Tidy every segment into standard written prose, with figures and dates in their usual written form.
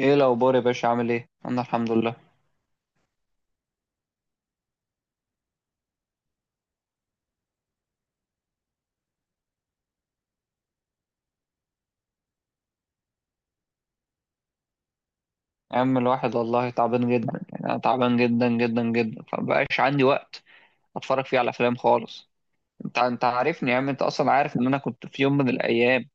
ايه الاخبار يا باشا؟ عامل ايه؟ انا الحمد لله. يا عم الواحد والله تعبان جدا. يعني انا تعبان جدا جدا جدا، فمبقاش عندي وقت اتفرج فيه على افلام خالص. انت عارفني يا عم، انت اصلا عارف ان انا كنت في يوم من الايام،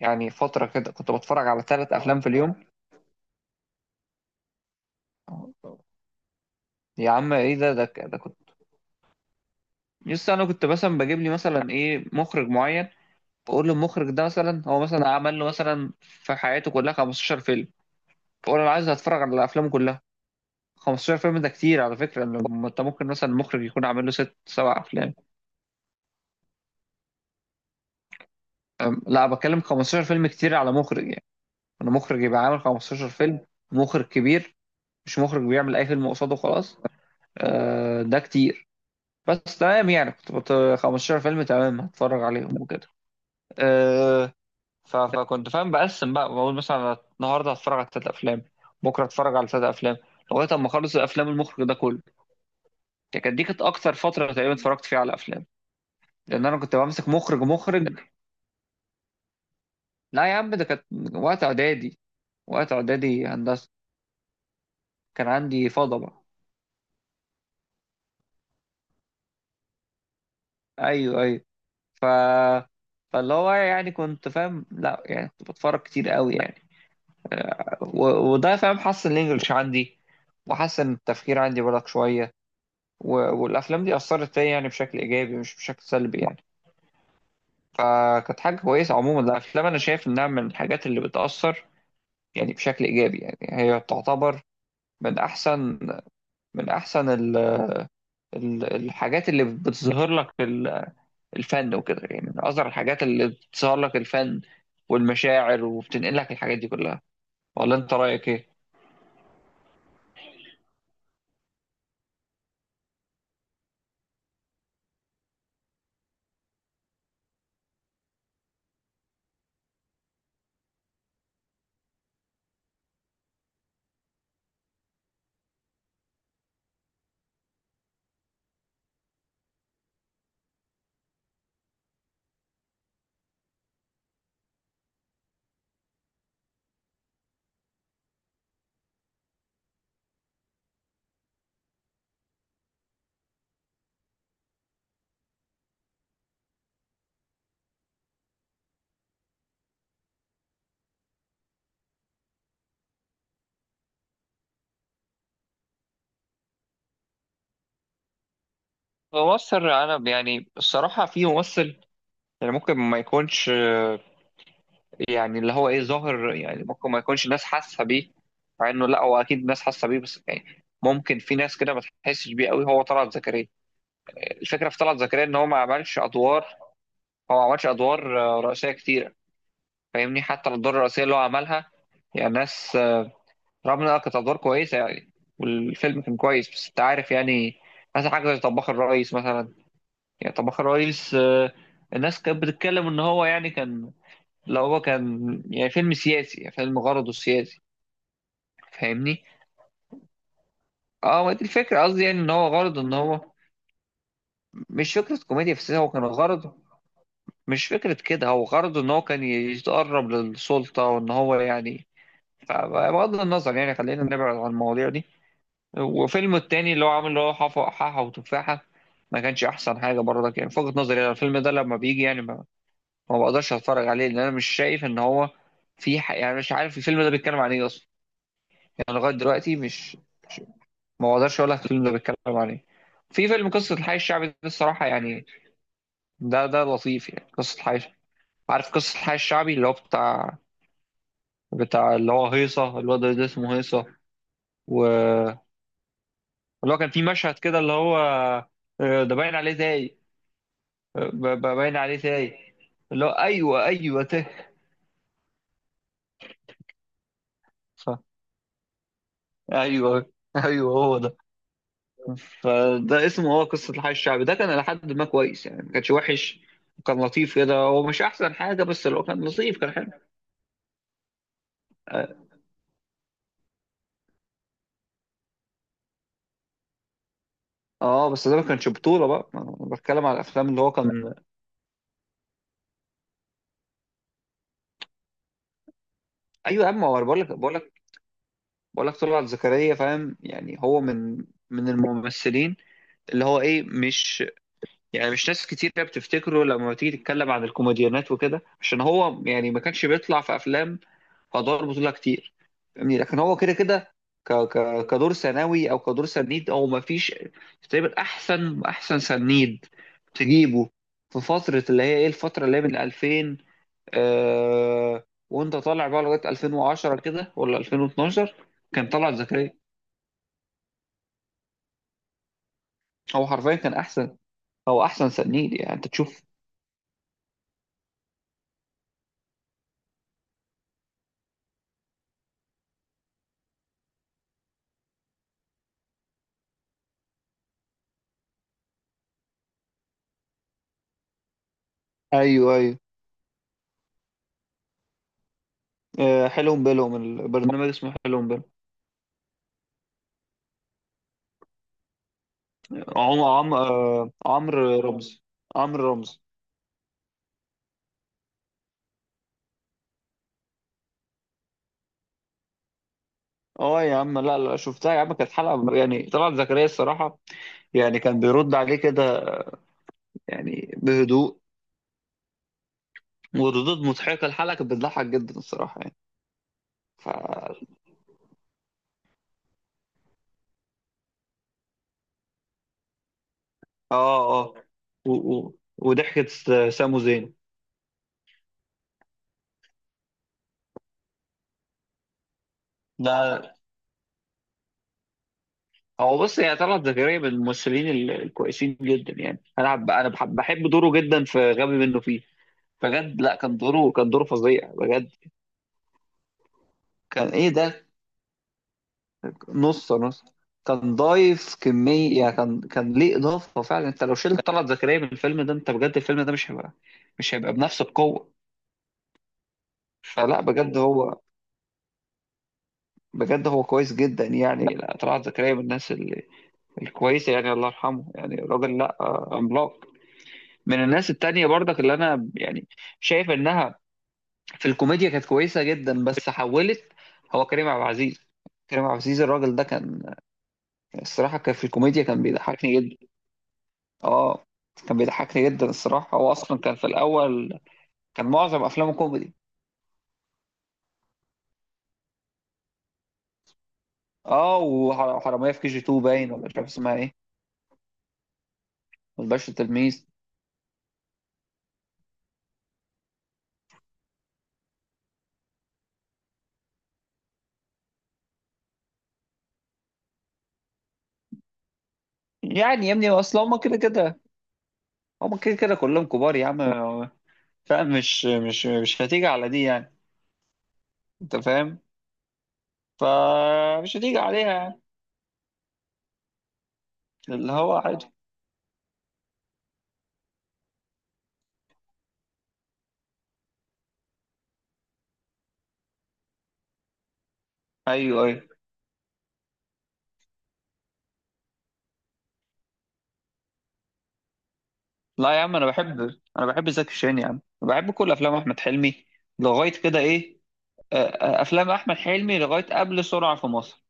يعني فتره كده، كنت بتفرج على 3 افلام في اليوم. يا عم ايه ده؟ ده كنت لسه انا كنت مثلا بجيب لي مثلا ايه، مخرج معين. بقول له المخرج ده مثلا هو مثلا عمل له مثلا في حياته كلها 15 فيلم، بقول له انا عايز اتفرج على افلامه كلها. 15 فيلم ده كتير على فكرة، لما انت ممكن مثلا المخرج يكون عامل له 6 7 افلام. لا، بتكلم 15 فيلم كتير على مخرج يعني. انا مخرج يبقى عامل 15 فيلم، مخرج كبير، مش مخرج بيعمل اي فيلم قصاده وخلاص. أه ده كتير. بس تمام، يعني كنت بت، 15 فيلم تمام، هتفرج عليهم وكده. أه. فكنت فاهم، بقسم بقى، بقول مثلا أنا النهارده هتفرج على 3 افلام، بكره هتفرج على 3 افلام، لغايه اما اخلص الافلام المخرج ده كله. يعني كانت دي كانت اكتر فتره تقريبا اتفرجت فيها على افلام، لان انا كنت بمسك مخرج. لا يا عم ده كانت وقت اعدادي، وقت اعدادي هندسه. كان عندي فضا بقى. ايوه ايوه. ف فاللي هو يعني كنت فاهم، لا يعني كنت بتفرج كتير قوي يعني. و... وده فاهم حسن الانجليش عندي، وحسن التفكير عندي بالك شويه. و... والافلام دي اثرت فيا يعني بشكل ايجابي مش بشكل سلبي يعني. فكانت حاجه كويسه. عموما الافلام انا شايف انها من الحاجات اللي بتاثر يعني بشكل ايجابي يعني. هي تعتبر من احسن، من احسن ال- الحاجات اللي بتظهر لك الفن وكده، يعني من اصغر الحاجات اللي بتظهر لك الفن والمشاعر وبتنقل لك الحاجات دي كلها. ولا انت رايك ايه؟ ممثل، انا يعني الصراحه في ممثل، يعني ممكن ما يكونش يعني اللي هو ايه، ظاهر يعني، ممكن ما يكونش الناس حاسه بيه، مع انه لا هو اكيد الناس حاسه بيه، بس يعني ممكن في ناس كده ما تحسش بيه قوي، هو طلعت زكريا. الفكره في طلعت زكريا ان هو ما عملش ادوار، هو ما عملش ادوار رئيسيه كتير. فاهمني؟ حتى الأدوار الرئيسية اللي هو عملها، يعني ناس، رغم إنها كانت أدوار كويسة يعني، والفيلم كان كويس، بس أنت عارف يعني. مثلا حاجة زي طباخ الرئيس مثلا، يعني طباخ الرئيس الناس كانت بتتكلم إن هو يعني كان، لو هو كان يعني فيلم سياسي، يعني فيلم غرضه سياسي. فاهمني؟ اه ما دي الفكرة، قصدي يعني إن هو غرضه إن هو، مش فكرة كوميديا في السياسة، هو كان غرضه، مش فكرة كده، هو غرضه إن هو كان يتقرب للسلطة وإن هو يعني. فبغض النظر، يعني خلينا نبعد عن المواضيع دي. وفيلم التاني اللي هو عامل اللي هو حفا حاحة وتفاحة، ما كانش أحسن حاجة برضك يعني، في وجهة نظري أنا الفيلم ده لما بيجي يعني ما بقدرش أتفرج عليه، لأن أنا مش شايف إن هو في يعني مش عارف الفيلم ده بيتكلم عن إيه أصلا. يعني لغاية دلوقتي مش- ما بقدرش أقول لك الفيلم ده بيتكلم عن إيه. في فيلم قصة الحي الشعبي ده الصراحة يعني، ده لطيف يعني، قصة الحي. عارف قصة الحي الشعبي اللي هو بتاع، بتاع اللي هو هيصة، الواد ده اسمه هيصة. و- واللي هو كان في مشهد كده اللي هو ده باين عليه زي، باين عليه تايه. اللي هو ايوه ايوه تاه. ف... ايوه ايوه هو ده. فده اسمه، هو قصه الحي الشعبي ده كان لحد ما كويس يعني، ما كانش وحش، كان لطيف كده، هو مش احسن حاجه، بس لو كان لطيف كان حلو. اه. بس ده ما كانش بطوله بقى، أنا بتكلم على الافلام اللي هو كان. ايوه يا عم هو أنا بقول لك بقول لك طلعت زكريا، فاهم يعني هو من من الممثلين اللي هو ايه، مش يعني مش ناس كتير بتفتكره لما تيجي تتكلم عن الكوميديانات وكده، عشان هو يعني ما كانش بيطلع في افلام ادوار بطوله كتير، يعني لكن هو كده كده كدور ثانوي او كدور سنيد، او ما فيش تقريبا احسن، احسن سنيد تجيبه في فتره اللي هي ايه، الفتره اللي هي من 2000، آه... وانت طالع بقى لغايه 2010 كده ولا 2012. كان طلعت زكريا، هو حرفيا كان احسن، هو احسن سنيد يعني، انت تشوف. ايوه ايوه. حلو بالهم، البرنامج اسمه حلو بالهم. عم عم آه، عمرو رمزي، عمرو رمزي. اه يا عم، لا لا شفتها يا عم، كانت حلقه يعني طلعت زكريا الصراحه، يعني كان بيرد عليه كده يعني بهدوء، وردود مضحكه. الحلقه كانت بتضحك جدا الصراحه يعني. اه. اه. وضحكه سامو زين. لا هو بص، هي طلعت زكريا من الممثلين الكويسين جدا يعني. انا بحب دوره جدا في غبي منه فيه، بجد. لا كان كان دوره فظيع بجد. كان ايه ده، نص نص. كان ضايف كمية يعني، كان كان ليه إضافة فعلا، انت لو شلت طلعت زكريا من الفيلم ده، انت بجد الفيلم ده مش هيبقى، مش هيبقى بنفس القوة. فلا بجد ايوه هو، بجد هو كويس جدا يعني. لا طلعت زكريا من الناس الكويسة يعني، الله يرحمه، يعني راجل لا عملاق. من الناس التانية برضك اللي أنا يعني شايف إنها في الكوميديا كانت كويسة جدا بس حولت، هو كريم عبد العزيز. كريم عبد العزيز الراجل ده كان الصراحة كان في الكوميديا كان بيضحكني جدا. اه كان بيضحكني جدا الصراحة، هو أصلا كان في الأول كان معظم أفلامه كوميدي. اه وحرامية في كي جي 2 باين، ولا مش عارف اسمها ايه. والباشا التلميذ. يعني يا ابني أصل هما كده كده، هما كده كده كلهم كبار يا عم، فاهم. مش هتيجي على دي يعني. أنت فاهم، فمش هتيجي عليها يعني، اللي هو عادي. أيوه أيوه. لا يا عم أنا بحب، أنا بحب زكي شان يا عم، بحب كل أفلام أحمد حلمي لغاية كده إيه آه، أفلام أحمد حلمي لغاية قبل سرعة في مصر،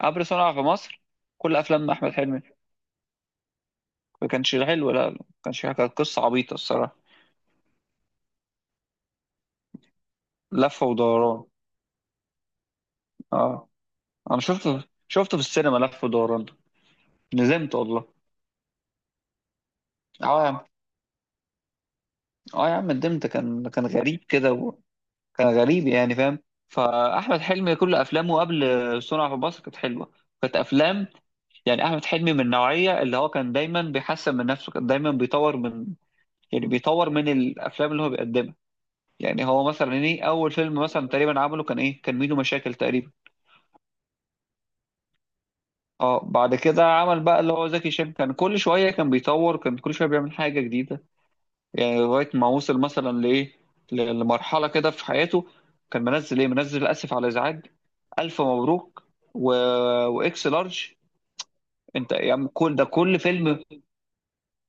عبر صنع في مصر. كل افلام احمد حلمي، ما كانش حلو، لا ما كانش حلو، كانت قصه عبيطه الصراحه. لف ودوران. اه انا شفته في السينما لف ودوران ده. ندمت والله. اه يا عم، اه يا عم ندمت، كان كان غريب كده وكان غريب يعني، فاهم. فاحمد حلمي كل افلامه قبل صنع في مصر كانت حلوه، كانت افلام يعني. احمد حلمي من النوعيه اللي هو كان دايما بيحسن من نفسه، كان دايما بيطور من، يعني بيطور من الافلام اللي هو بيقدمها. يعني هو مثلا ايه اول فيلم مثلا تقريبا عمله كان ايه، كان ميدو مشاكل تقريبا. اه بعد كده عمل بقى اللي هو زكي شان، كان كل شويه كان بيطور، كان كل شويه بيعمل حاجه جديده، يعني لغايه ما وصل مثلا لايه، لمرحله كده في حياته كان منزل ايه، منزل اسف على الازعاج، الف مبروك، و... واكس لارج. انت يعني كل ده كل فيلم،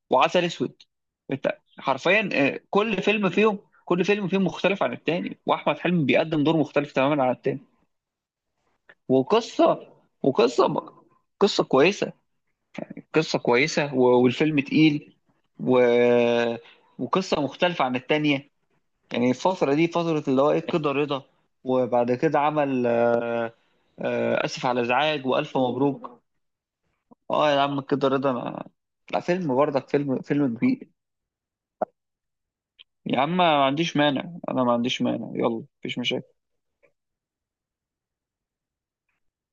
وعسل اسود. انت حرفيا كل فيلم فيهم، كل فيلم فيهم مختلف عن التاني، واحمد حلمي بيقدم دور مختلف تماما عن التاني. وقصة وقصة قصة كويسة، قصة كويسة، والفيلم تقيل، و... وقصة مختلفة عن التانية. يعني الفترة دي فترة اللي هو ايه، كده رضا، وبعد كده عمل آسف على الإزعاج، وألف مبروك. اه يا عم كده رضا أنا، لا فيلم برضك، فيلم كبير. يا عم ما عنديش مانع، انا ما عنديش مانع، يلا مفيش مشاكل.